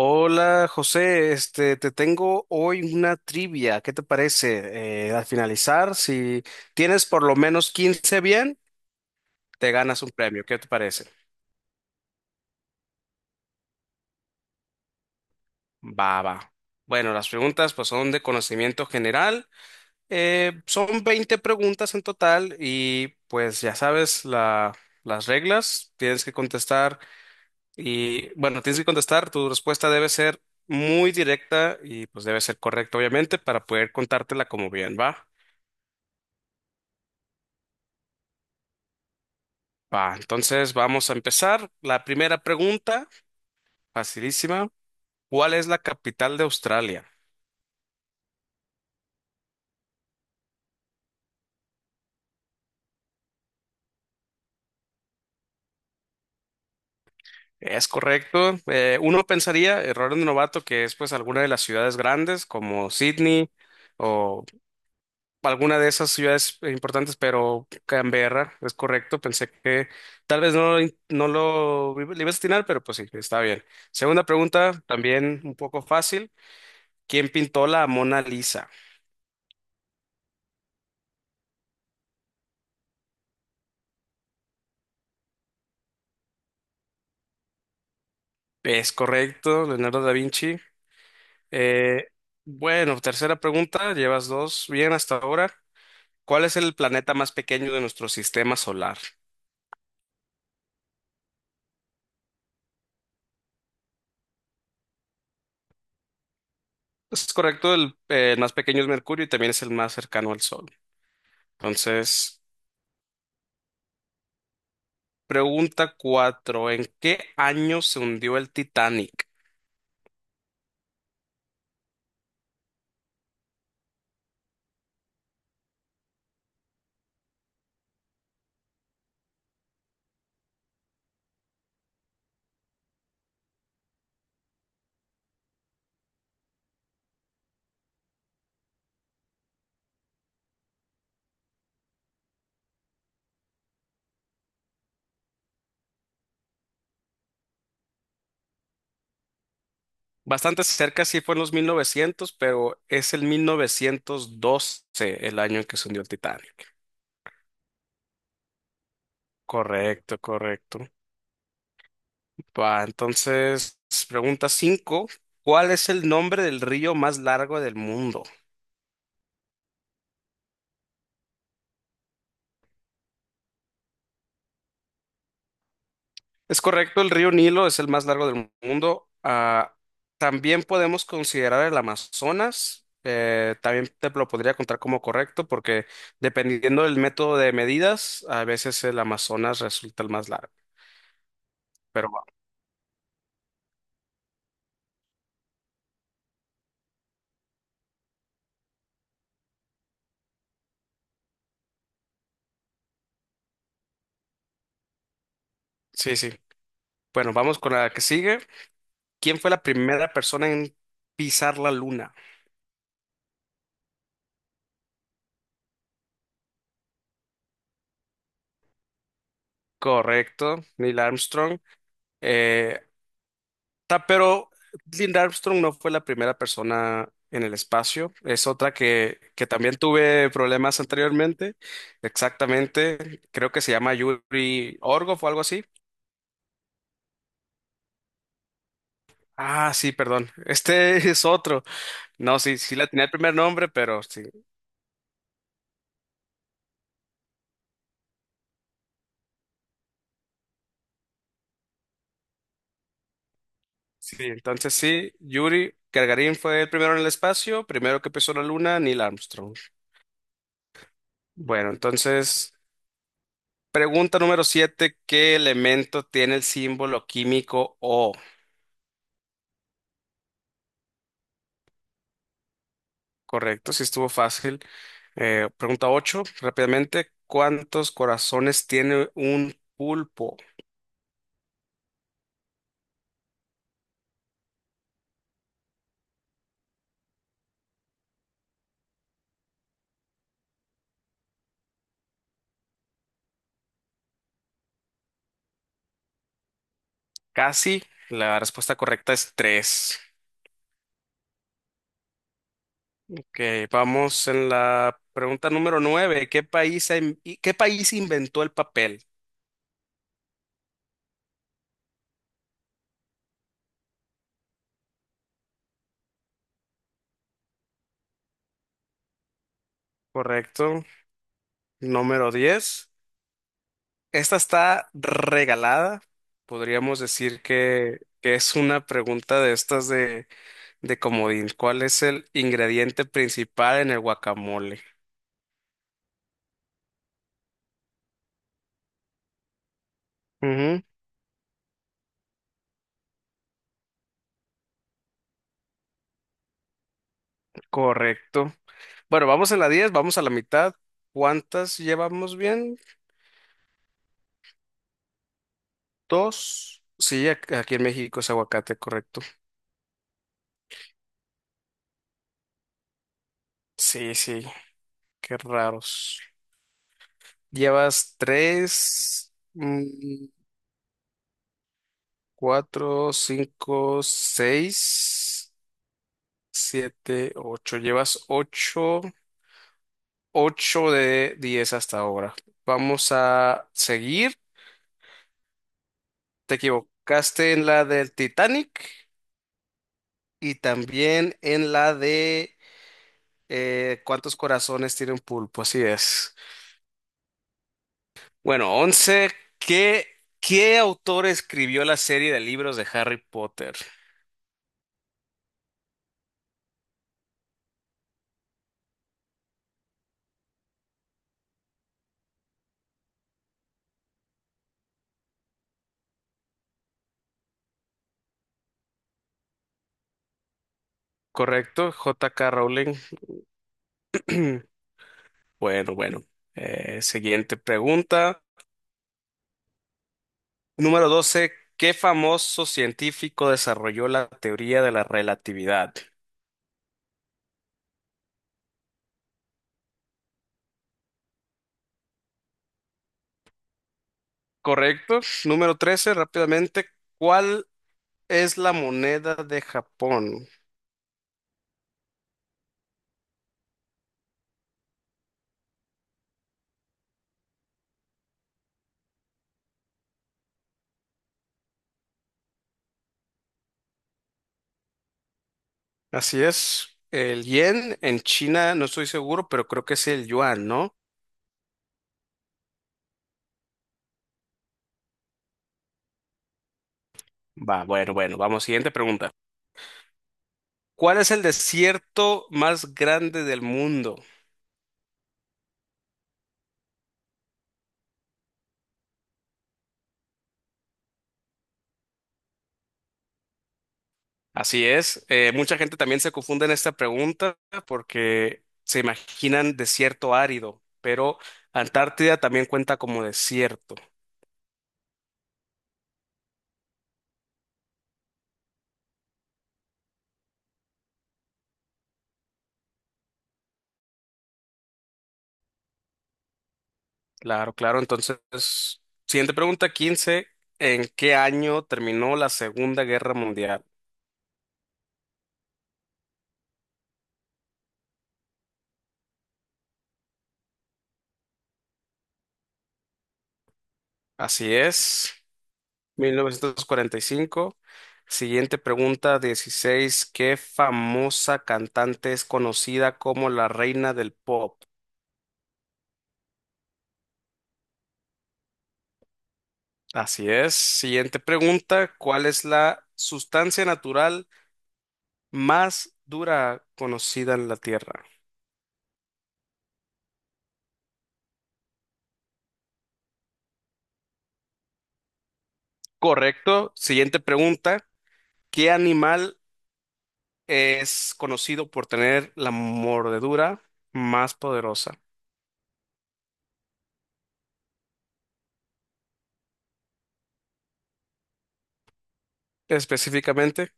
Hola José, te tengo hoy una trivia. ¿Qué te parece? Al finalizar, si tienes por lo menos 15 bien, te ganas un premio. ¿Qué te parece? Va. Bueno, las preguntas pues son de conocimiento general. Son 20 preguntas en total y pues ya sabes las reglas. Tienes que contestar y bueno, tienes que contestar. Tu respuesta debe ser muy directa y pues debe ser correcta obviamente para poder contártela como bien, ¿va? Va, entonces vamos a empezar. La primera pregunta, facilísima. ¿Cuál es la capital de Australia? Es correcto. Uno pensaría, error de novato, que es pues alguna de las ciudades grandes como Sydney o alguna de esas ciudades importantes, pero Canberra es correcto. Pensé que tal vez no, no lo le ibas a atinar, pero pues sí, está bien. Segunda pregunta, también un poco fácil. ¿Quién pintó la Mona Lisa? Es correcto, Leonardo da Vinci. Eh, bueno, tercera pregunta, llevas dos bien hasta ahora. ¿Cuál es el planeta más pequeño de nuestro sistema solar? Es correcto, el más pequeño es Mercurio y también es el más cercano al Sol. Entonces, pregunta cuatro, ¿en qué año se hundió el Titanic? Bastante cerca, sí fue en los 1900, pero es el 1912 el año en que se hundió el Titanic. Correcto, correcto. Va, entonces, pregunta cinco. ¿Cuál es el nombre del río más largo del mundo? Es correcto, el río Nilo es el más largo del mundo. Ah, también podemos considerar el Amazonas. También te lo podría contar como correcto porque dependiendo del método de medidas, a veces el Amazonas resulta el más largo. Pero va, sí, sí. Bueno, vamos con la que sigue. ¿Quién fue la primera persona en pisar la luna? Correcto, Neil Armstrong. Eh, Pero Linda Armstrong no fue la primera persona en el espacio. Es otra que también tuve problemas anteriormente. Exactamente. Creo que se llama Yuri Orgov o algo así. Ah, sí, perdón. Este es otro. No, sí, sí la tenía el primer nombre, pero sí. Sí, entonces sí, Yuri Gagarin fue el 1º en el espacio, primero que pisó la luna, Neil Armstrong. Bueno, entonces, pregunta número siete, ¿qué elemento tiene el símbolo químico O? Correcto, sí estuvo fácil. Pregunta 8, rápidamente, ¿cuántos corazones tiene un pulpo? Casi, la respuesta correcta es 3. Ok, vamos en la pregunta número 9. ¿Qué país, ha in- y- qué país inventó el papel? Correcto, número diez. Esta está regalada, podríamos decir que es una pregunta de estas de comodín. ¿Cuál es el ingrediente principal en el guacamole? Correcto. Bueno, vamos en la 10, vamos a la mitad. ¿Cuántas llevamos bien? Dos. Sí, aquí en México es aguacate, correcto. Sí, sí, qué raros. Llevas tres, mm, cuatro, cinco, seis, siete, ocho. Llevas ocho, ocho de diez hasta ahora. Vamos a seguir. Te equivocaste en la del Titanic y también en la de. ¿Cuántos corazones tiene un pulpo? Así es. Bueno, 11. ¿Qué, qué autor escribió la serie de libros de Harry Potter? ¿Correcto? J.K. Rowling. Bueno, bueno. Siguiente pregunta. Número 12. ¿Qué famoso científico desarrolló la teoría de la relatividad? ¿Correcto? Número 13. Rápidamente. ¿Cuál es la moneda de Japón? Así es. El yen en China, no estoy seguro, pero creo que es el yuan, ¿no? Va, bueno, bueno, vamos, siguiente pregunta. ¿Cuál es el desierto más grande del mundo? Así es. Mucha gente también se confunde en esta pregunta porque se imaginan desierto árido, pero Antártida también cuenta como desierto. Claro, claro. Entonces, siguiente pregunta, quince. ¿En qué año terminó la Segunda Guerra Mundial? Así es. 1945. Siguiente pregunta, 16. ¿Qué famosa cantante es conocida como la reina del pop? Así es. Siguiente pregunta, ¿cuál es la sustancia natural más dura conocida en la Tierra? Correcto. Siguiente pregunta, ¿qué animal es conocido por tener la mordedura más poderosa? Específicamente,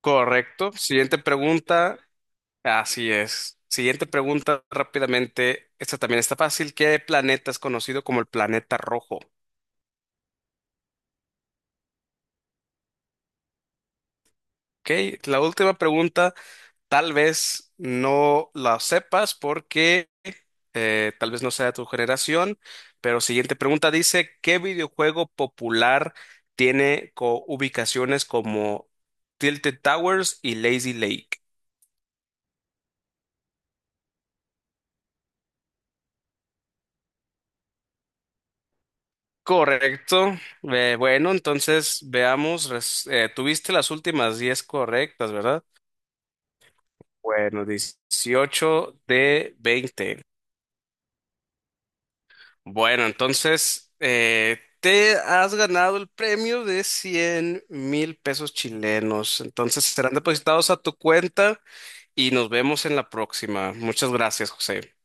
correcto. Siguiente pregunta, así es. Siguiente pregunta rápidamente. Esta también está fácil. ¿Qué planeta es conocido como el planeta rojo? Ok, la última pregunta tal vez no la sepas porque tal vez no sea de tu generación, pero siguiente pregunta dice, ¿qué videojuego popular tiene ubicaciones como Tilted Towers y Lazy Lake? Correcto. Bueno, entonces veamos, tuviste las últimas 10 correctas, ¿verdad? Bueno, 18 de 20. Bueno, entonces te has ganado el premio de 100.000 pesos chilenos. Entonces serán depositados a tu cuenta y nos vemos en la próxima. Muchas gracias, José.